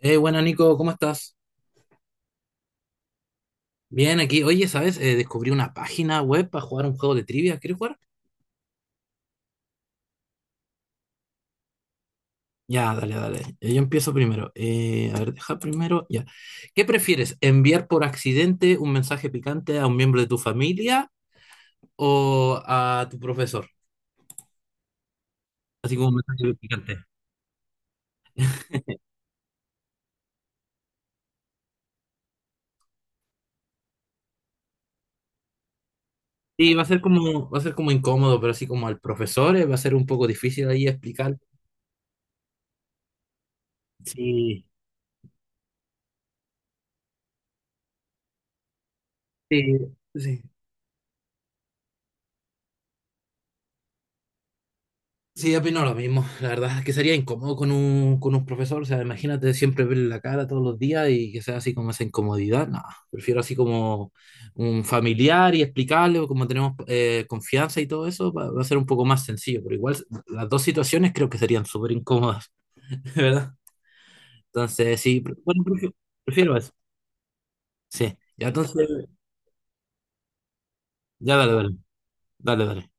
Bueno, Nico, ¿cómo estás? Bien, aquí. Oye, ¿sabes? Descubrí una página web para jugar un juego de trivia. ¿Quieres jugar? Ya, dale, dale. Yo empiezo primero. A ver, deja primero. Ya. ¿Qué prefieres? ¿Enviar por accidente un mensaje picante a un miembro de tu familia o a tu profesor? Así como un mensaje picante. Sí, va a ser como, va a ser como incómodo, pero así como al profesor, va a ser un poco difícil ahí explicar. Sí, sí, sí. Sí, yo opino lo mismo. La verdad es que sería incómodo con un profesor. O sea, imagínate siempre verle la cara todos los días y que sea así como esa incomodidad. No, prefiero así como un familiar y explicarle, o como tenemos confianza y todo eso, va, va a ser un poco más sencillo. Pero igual las dos situaciones creo que serían súper incómodas, ¿verdad? Entonces, sí, bueno, prefiero, prefiero eso. Sí, ya entonces, ya dale, dale, dale, dale.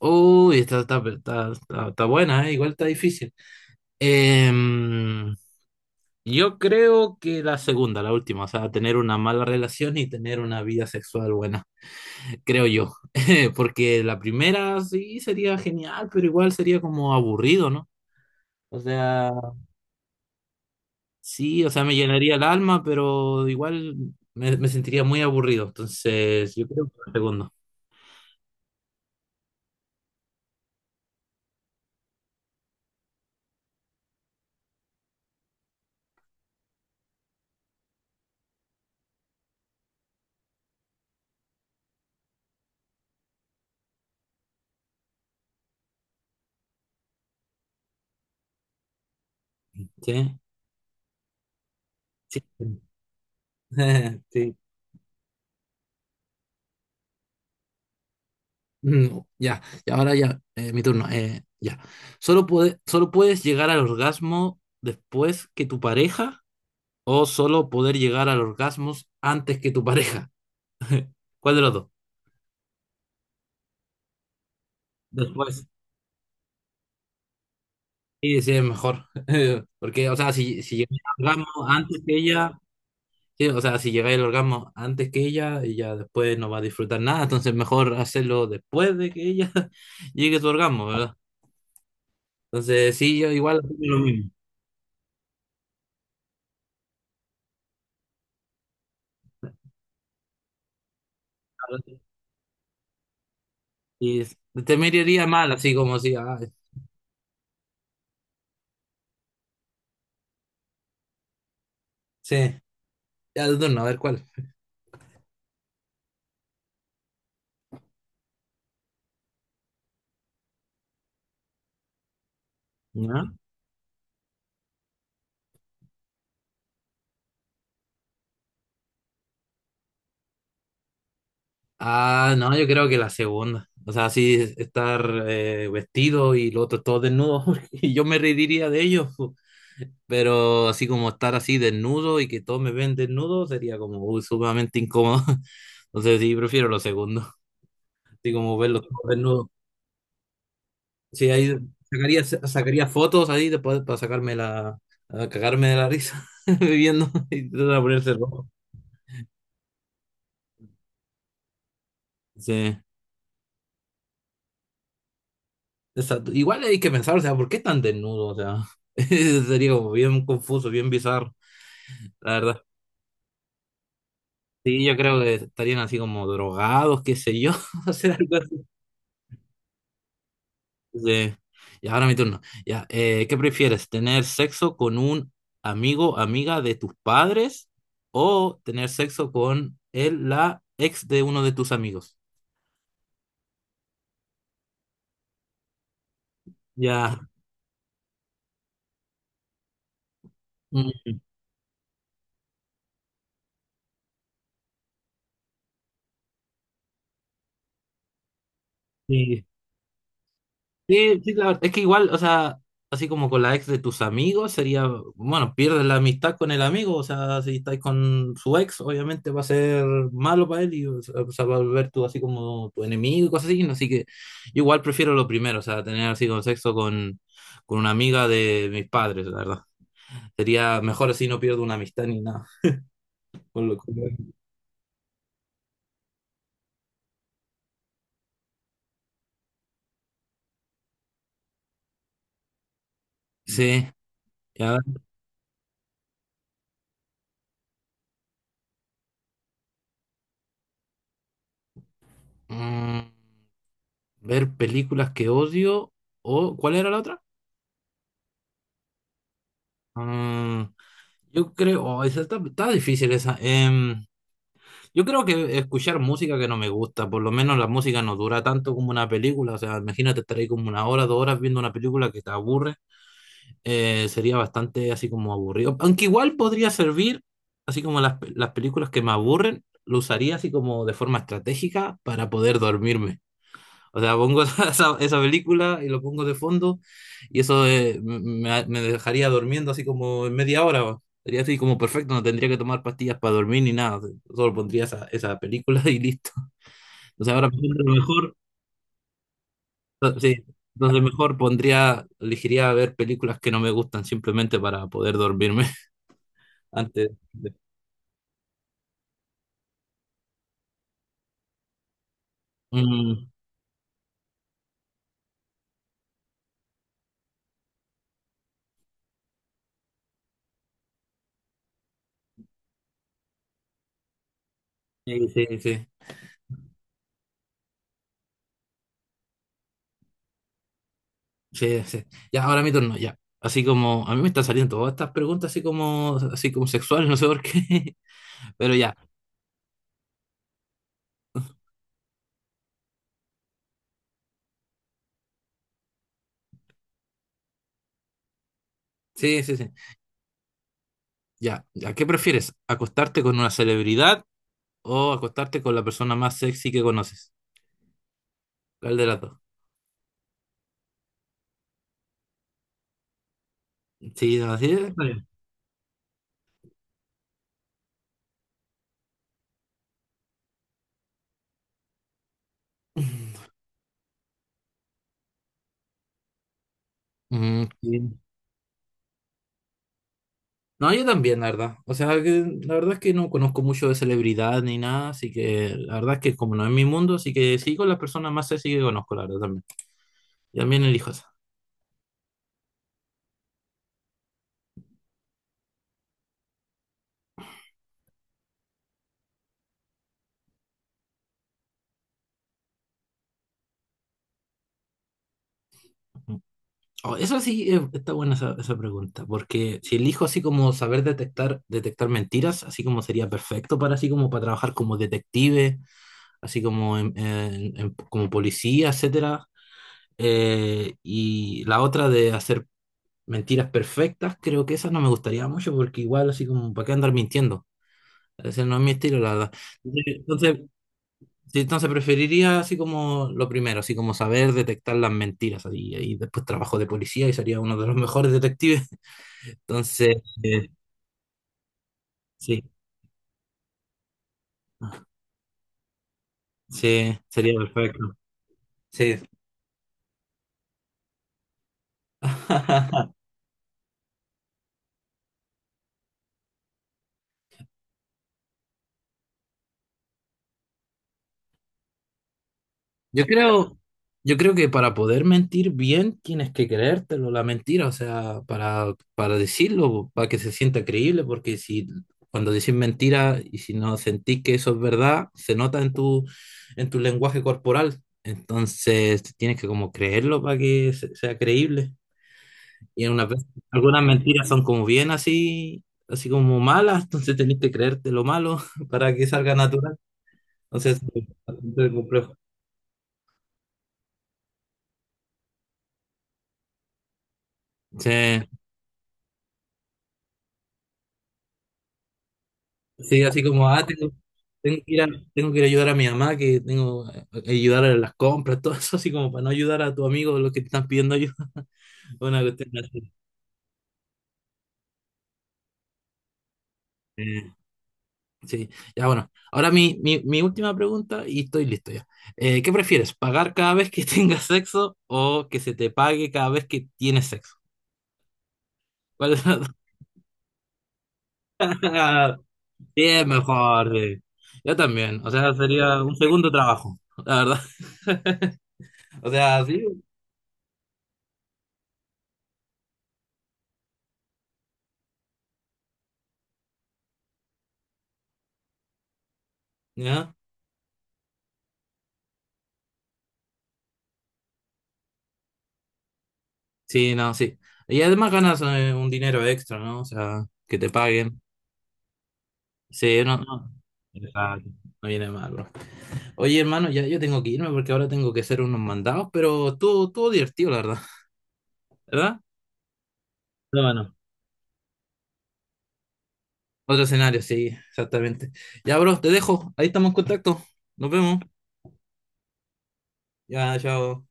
Uy, está, está, está, está buena, ¿eh? Igual está difícil. Eh, Yo creo que la segunda, la última, o sea, tener una mala relación y tener una vida sexual buena, creo yo. Porque la primera sí sería genial, pero igual sería como aburrido, ¿no? O sea, sí, o sea, me llenaría el alma, pero igual me, me sentiría muy aburrido. Entonces, yo creo que la segunda, ¿sí? Sí. Sí. No, ya, y ahora ya, mi turno, ya. Solo puedes llegar al orgasmo después que tu pareja. O solo poder llegar al orgasmo antes que tu pareja. ¿Cuál de los dos? Después. Y sí, es mejor. Porque, o sea, si, si llegáis al orgasmo antes que ella, sí, o sea, si llegáis al orgasmo antes que ella después no va a disfrutar nada. Entonces, mejor hacerlo después de que ella llegue a su orgasmo, ¿verdad? Entonces, sí, yo igual opino lo mismo. Y te miraría mal, así como si, ah, sí, ya de turno, a ver cuál. ¿Ya? Ah, no, yo creo que la segunda. O sea, sí, estar vestido y lo otro todo desnudo. Y yo me reiría de ellos, po. Pero así como estar así desnudo y que todos me ven desnudo sería como uy, sumamente incómodo. Entonces sí, prefiero lo segundo. Así como verlos todos desnudos. Sí, ahí sacaría, sacaría fotos ahí después para sacarme la, a cagarme de la risa viviendo y tratar de ponerse rojo. Sí. Exacto. Igual hay que pensar, o sea, ¿por qué tan desnudo? O sea, sería como bien confuso, bien bizarro, la verdad. Sí, yo creo que estarían así como drogados, qué sé yo, o sea, algo así. Sí. Y ahora mi turno. Ya, ¿qué prefieres? ¿Tener sexo con un amigo, amiga de tus padres o tener sexo con él, la ex de uno de tus amigos? Ya. Mm, sí. Sí, sí, claro. Es que igual, o sea, así como con la ex de tus amigos, sería, bueno, pierdes la amistad con el amigo, o sea, si estáis con su ex, obviamente va a ser malo para él y o sea, va a volver tú así como tu enemigo y cosas así, ¿no? Así que yo igual prefiero lo primero, o sea, tener así con sexo con una amiga de mis padres, la verdad. Sería mejor así, no pierdo una amistad ni nada. Con lo- con lo- Sí, ya. Mm, ver películas que odio o, ¿cuál era la otra? Mm, yo creo, oh, esa está, está difícil esa. Yo creo que escuchar música que no me gusta, por lo menos la música no dura tanto como una película, o sea, imagínate estar ahí como una hora, dos horas viendo una película que te aburre, sería bastante así como aburrido. Aunque igual podría servir, así como las películas que me aburren, lo usaría así como de forma estratégica para poder dormirme. O sea, pongo esa película y lo pongo de fondo y eso me, me dejaría durmiendo así como en media hora, weón. Sería así como perfecto, no tendría que tomar pastillas para dormir ni nada. Solo pondría esa, esa película y listo. O sea, ahora pienso lo mejor, sí, entonces mejor pondría, elegiría ver películas que no me gustan simplemente para poder dormirme antes de... Mm, sí, sí, sí, sí, sí. Ya, ahora mi turno, ya. Así como, a mí me están saliendo todas estas preguntas así como sexuales, no sé por qué. Pero ya. Sí, sí, sí. Ya, ¿a qué prefieres? ¿Acostarte con una celebridad o acostarte con la persona más sexy que conoces? ¿Cuál de las dos? Sí, no, sí, está bien. Mm, sí. No, yo también, la verdad. O sea, que la verdad es que no conozco mucho de celebridad ni nada, así que la verdad es que como no es mi mundo, así que sí con las personas más sexy que conozco, la verdad también. Y también elijo esa. Mm. Oh, eso sí, está buena esa, esa pregunta, porque si elijo así como saber detectar, detectar mentiras, así como sería perfecto para así como para trabajar como detective así como, como policía, etcétera. Y la otra de hacer mentiras perfectas, creo que esa no me gustaría mucho porque igual así como, ¿para qué andar mintiendo? Ese no es mi estilo, la verdad. Entonces, sí, entonces preferiría así como lo primero, así como saber detectar las mentiras así, y después trabajo de policía y sería uno de los mejores detectives. Entonces, eh, sí, sí, sería perfecto. Sí. Yo creo, yo creo que para poder mentir bien tienes que creértelo, la mentira, o sea, para decirlo, para que se sienta creíble, porque si cuando decís mentira y si no sentís que eso es verdad, se nota en tu lenguaje corporal. Entonces tienes que como creerlo para que sea creíble. Y algunas mentiras son como bien así, así como malas, entonces tenés que creerte lo malo para que salga natural. Entonces, es bastante complejo. Sí. Sí, así como, ah, tengo, tengo que ir a, tengo que ir a ayudar a mi mamá, que tengo que ayudar a las compras, todo eso, así como para no ayudar a tu amigo los que te están pidiendo ayuda. Una cuestión así. Eh, sí, ya bueno. Ahora mi, mi, mi última pregunta y estoy listo ya. ¿Qué prefieres? ¿Pagar cada vez que tengas sexo o que se te pague cada vez que tienes sexo? ¿Cuál es la... Sí, es mejor, sí. Yo también. O sea, sería un segundo trabajo, la verdad. O sea, sí. Ya. Sí, no, sí. Y además ganas un dinero extra, ¿no? O sea, que te paguen. Sí, no, no. Exacto. No viene mal, bro. Oye, hermano, ya yo tengo que irme porque ahora tengo que hacer unos mandados, pero estuvo, estuvo divertido, la verdad. ¿Verdad? No, bueno. Otro escenario, sí, exactamente. Ya, bro, te dejo. Ahí estamos en contacto. Nos vemos. Ya, chao.